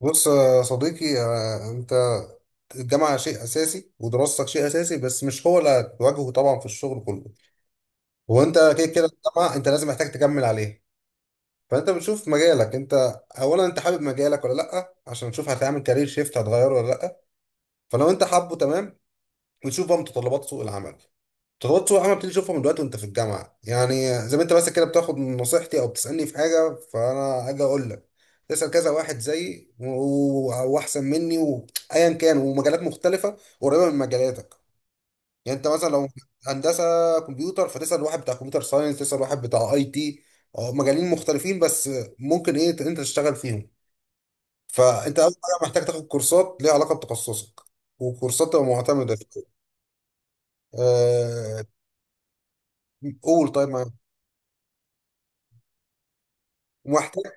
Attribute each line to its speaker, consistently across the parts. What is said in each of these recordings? Speaker 1: بص يا صديقي، انت الجامعة شيء اساسي، ودراستك شيء اساسي، بس مش هو اللي هتواجهه طبعا في الشغل كله. وانت كده كده الجامعة انت لازم محتاج تكمل عليه. فانت بتشوف مجالك انت، اولا انت حابب مجالك ولا لا؟ عشان تشوف هتعمل كارير شيفت هتغيره ولا لا. فلو انت حابه تمام، وتشوف بقى متطلبات سوق العمل، تغطس وحاجه بتبتدي تشوفها من دلوقتي وانت في الجامعه. يعني زي ما انت بس كده بتاخد من نصيحتي او بتسالني في حاجه، فانا اجي اقول لك تسال كذا واحد زيي و- و- واحسن مني، وايا كان، ومجالات مختلفه قريبه من مجالاتك. يعني انت مثلا لو هندسه كمبيوتر، فتسال واحد بتاع كمبيوتر ساينس، تسال واحد بتاع اي تي. اه، مجالين مختلفين بس ممكن ايه انت تشتغل فيهم. فانت اول حاجه محتاج تاخد كورسات ليها علاقه بتخصصك، وكورسات تبقى معتمده شوية. أه... قول طيب ما- ومحتاج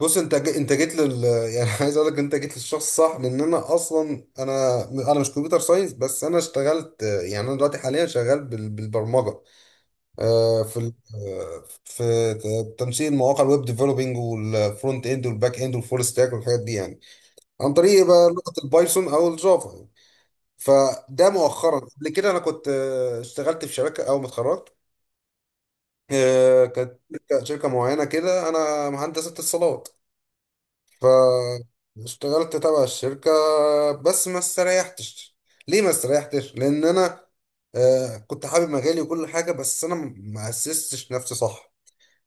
Speaker 1: بص انت انت جيت لل يعني عايز اقول لك انت جيت للشخص الصح، لان انا اصلا انا مش كمبيوتر ساينس، بس انا اشتغلت. يعني انا دلوقتي حاليا شغال بالبرمجه، آه، في ال- آه، في تنسيق المواقع الويب ديفلوبينج، والفرونت اند، والباك اند، والفول ستاك، والحاجات دي. يعني عن طريق بقى لغه البايثون او الجافا يعني. فده مؤخرا. قبل كده انا كنت، اشتغلت في شركه اول ما اتخرجت. كانت شركة معينه كده، انا مهندس اتصالات، فاشتغلت تبع الشركة. بس ما استريحتش. ليه ما استريحتش؟ لأن أنا كنت حابب مجالي وكل حاجة، بس أنا ما أسستش نفسي صح.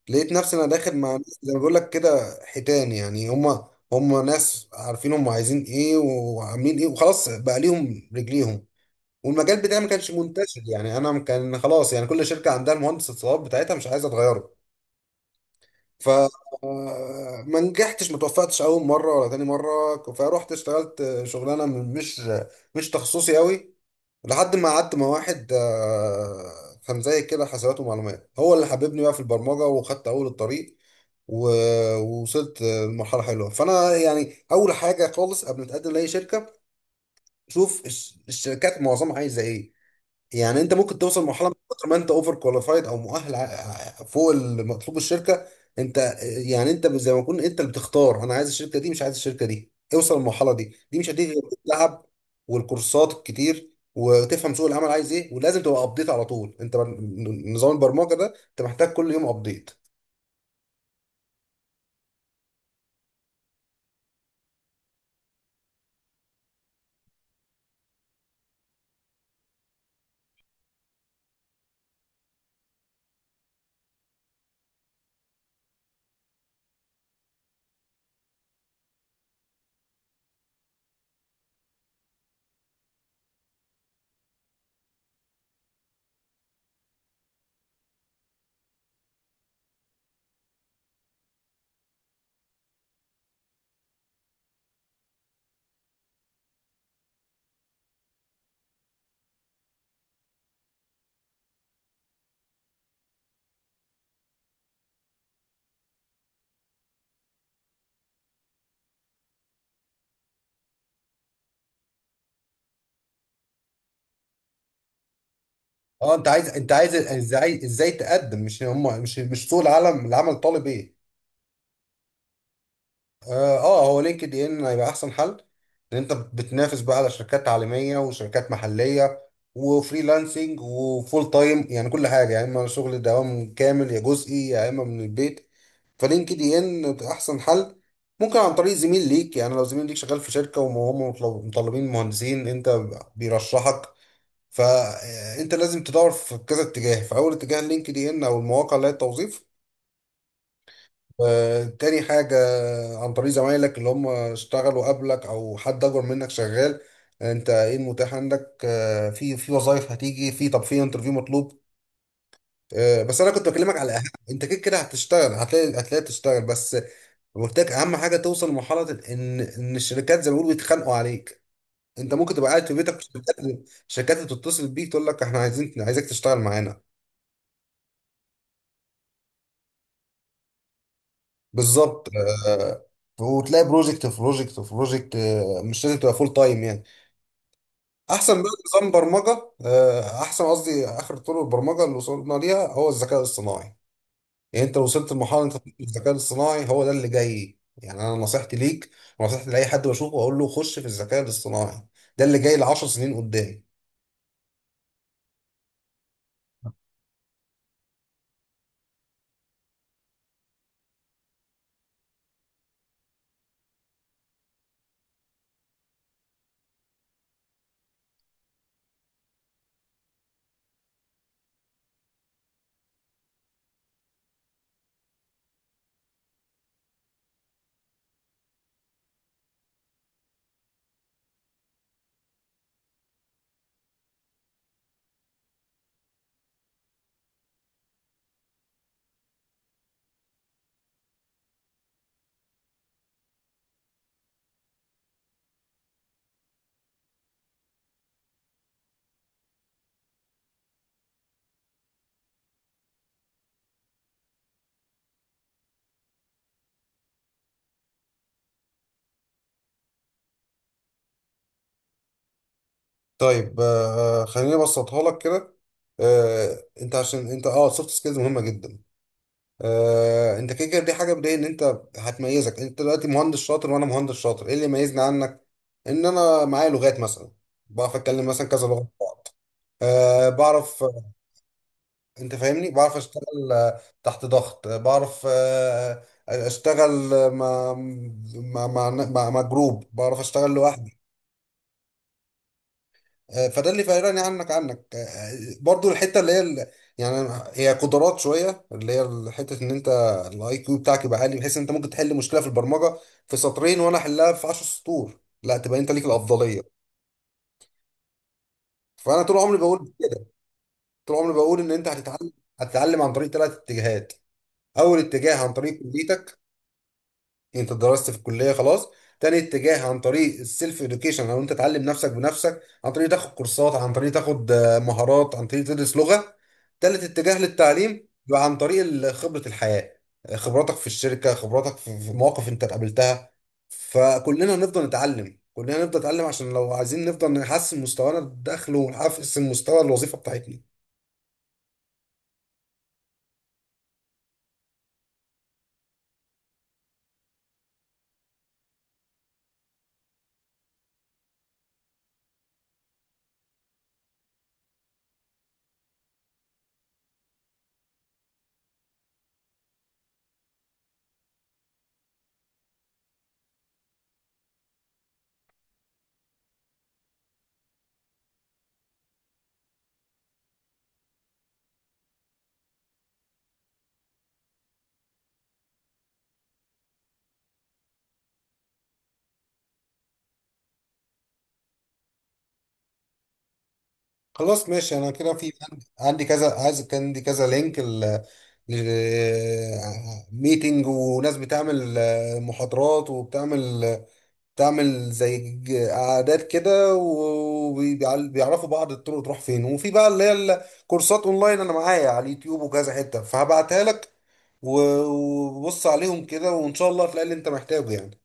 Speaker 1: لقيت نفسي أنا داخل مع ناس، زي ما بقول لك كده، حيتان. يعني هما ناس عارفين هما عايزين إيه وعاملين إيه، وخلاص بقى ليهم رجليهم. والمجال بتاعي ما كانش منتشر. يعني أنا كان خلاص، يعني كل شركة عندها المهندس اتصالات بتاعتها، مش عايزة تغيره. ف ما نجحتش، ما توفقتش اول مره ولا تاني مره، فروحت اشتغلت شغلانه مش مش تخصصي قوي. لحد ما قعدت مع واحد، كان زي كده حسابات ومعلومات، هو اللي حببني بقى في البرمجه، وخدت اول الطريق ووصلت لمرحله حلوه. فانا يعني اول حاجه خالص قبل ما تقدم لاي شركه، شوف الشركات معظمها عايزه ايه. يعني انت ممكن توصل مرحله من كتر ما انت اوفر كواليفايد او مؤهل فوق المطلوب الشركه، انت يعني انت زي ما تكون انت اللي بتختار، انا عايز الشركه دي مش عايز الشركه دي. اوصل للمرحله دي، دي مش هتيجي غير بالتعب، والكورسات الكتير، وتفهم سوق العمل عايز ايه، ولازم تبقى ابديت على طول. انت نظام البرمجه ده انت محتاج كل يوم ابديت. اه انت عايز، انت عايز ازاي تقدم، مش هم مش، مش سوق العمل طالب ايه. هو لينكد ان هيبقى احسن حل، لان انت بتنافس بقى على شركات عالميه وشركات محليه، وفريلانسنج وفول تايم. يعني كل حاجه، يا اما شغل دوام كامل يا جزئي يا اما من البيت. فلينكد ان بتبقى احسن حل. ممكن عن طريق زميل ليك، يعني لو زميل ليك شغال في شركه وهم مطلبين مهندسين، انت بيرشحك. فانت لازم تدور في كذا اتجاه، في اول اتجاه لينكد ان او المواقع اللي هي التوظيف. تاني حاجة، عن طريق زمايلك اللي هم اشتغلوا قبلك أو حد أكبر منك شغال. أنت إيه المتاح عندك في في وظائف هتيجي؟ في طب في انترفيو مطلوب، بس أنا كنت بكلمك على أهم. أنت كده كده هتشتغل، هتلاقي، هتلاقي تشتغل، بس قلت لك أهم حاجة توصل لمرحلة إن الشركات زي ما بيقولوا بيتخانقوا عليك. أنت ممكن تبقى قاعد في بيتك، شركات بتتصل بيك تقول لك إحنا عايزك تشتغل معانا. بالظبط. آه، وتلاقي بروجكت في بروجكت في بروجكت. مش لازم تبقى فول تايم يعني. احسن بقى نظام برمجه، آه، احسن قصدي اخر طرق البرمجه اللي وصلنا ليها، هو الذكاء الصناعي. يعني انت لو وصلت لمرحله انت تطلب الذكاء الصناعي، هو ده اللي جاي. يعني انا نصيحتي ليك ونصيحتي لاي حد بشوفه اقول له خش في الذكاء الاصطناعي، ده اللي جاي ل 10 سنين قدام. طيب، خليني ابسطها لك كده. انت عشان انت سوفت سكيلز مهمه جدا. انت كده كده دي حاجه بدايه ان انت هتميزك. انت دلوقتي مهندس شاطر وانا مهندس شاطر، ايه اللي يميزني عنك؟ ان انا معايا لغات مثلا، بعرف اتكلم مثلا كذا لغه مع بعض. أه بعرف، انت فاهمني، بعرف اشتغل تحت ضغط، آه، بعرف آه، آه، اشتغل مع مع جروب، بعرف اشتغل لوحدي. فده اللي فرقني عنك برضو الحته اللي هي يعني هي قدرات شويه، اللي هي حته ان انت الاي كيو بتاعك يبقى عالي، بحيث ان انت ممكن تحل مشكله في البرمجه في سطرين وانا احلها في 10 سطور، لا تبقى انت ليك الافضليه. فانا طول عمري بقول كده، طول عمري بقول ان انت هتتعلم. هتتعلم عن طريق ثلاث اتجاهات. اول اتجاه عن طريق كليتك، انت درست في الكليه خلاص. تاني اتجاه عن طريق السيلف اديوكيشن، او انت تعلم نفسك بنفسك، عن طريق تاخد كورسات، عن طريق تاخد مهارات، عن طريق تدرس لغه. تالت اتجاه للتعليم يبقى عن طريق خبره الحياه، خبراتك في الشركه، خبراتك في مواقف انت قابلتها. فكلنا هنفضل نتعلم، كلنا هنفضل نتعلم، عشان لو عايزين نفضل نحسن مستوانا الدخل ونحسن مستوى الوظيفه بتاعتنا. خلاص ماشي. انا كده في عندي كذا، عايز كان عندي كذا لينك ل ميتنج وناس بتعمل محاضرات، وبتعمل بتعمل زي قعدات كده، وبيعرفوا بعض الطرق تروح فين. وفي بقى اللي هي الكورسات اونلاين، انا معايا على اليوتيوب وكذا حتة، فهبعتها لك وبص عليهم كده، وان شاء الله هتلاقي اللي انت محتاجه يعني.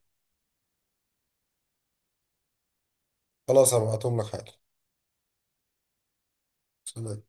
Speaker 1: خلاص هبعتهم لك حالا. سلام.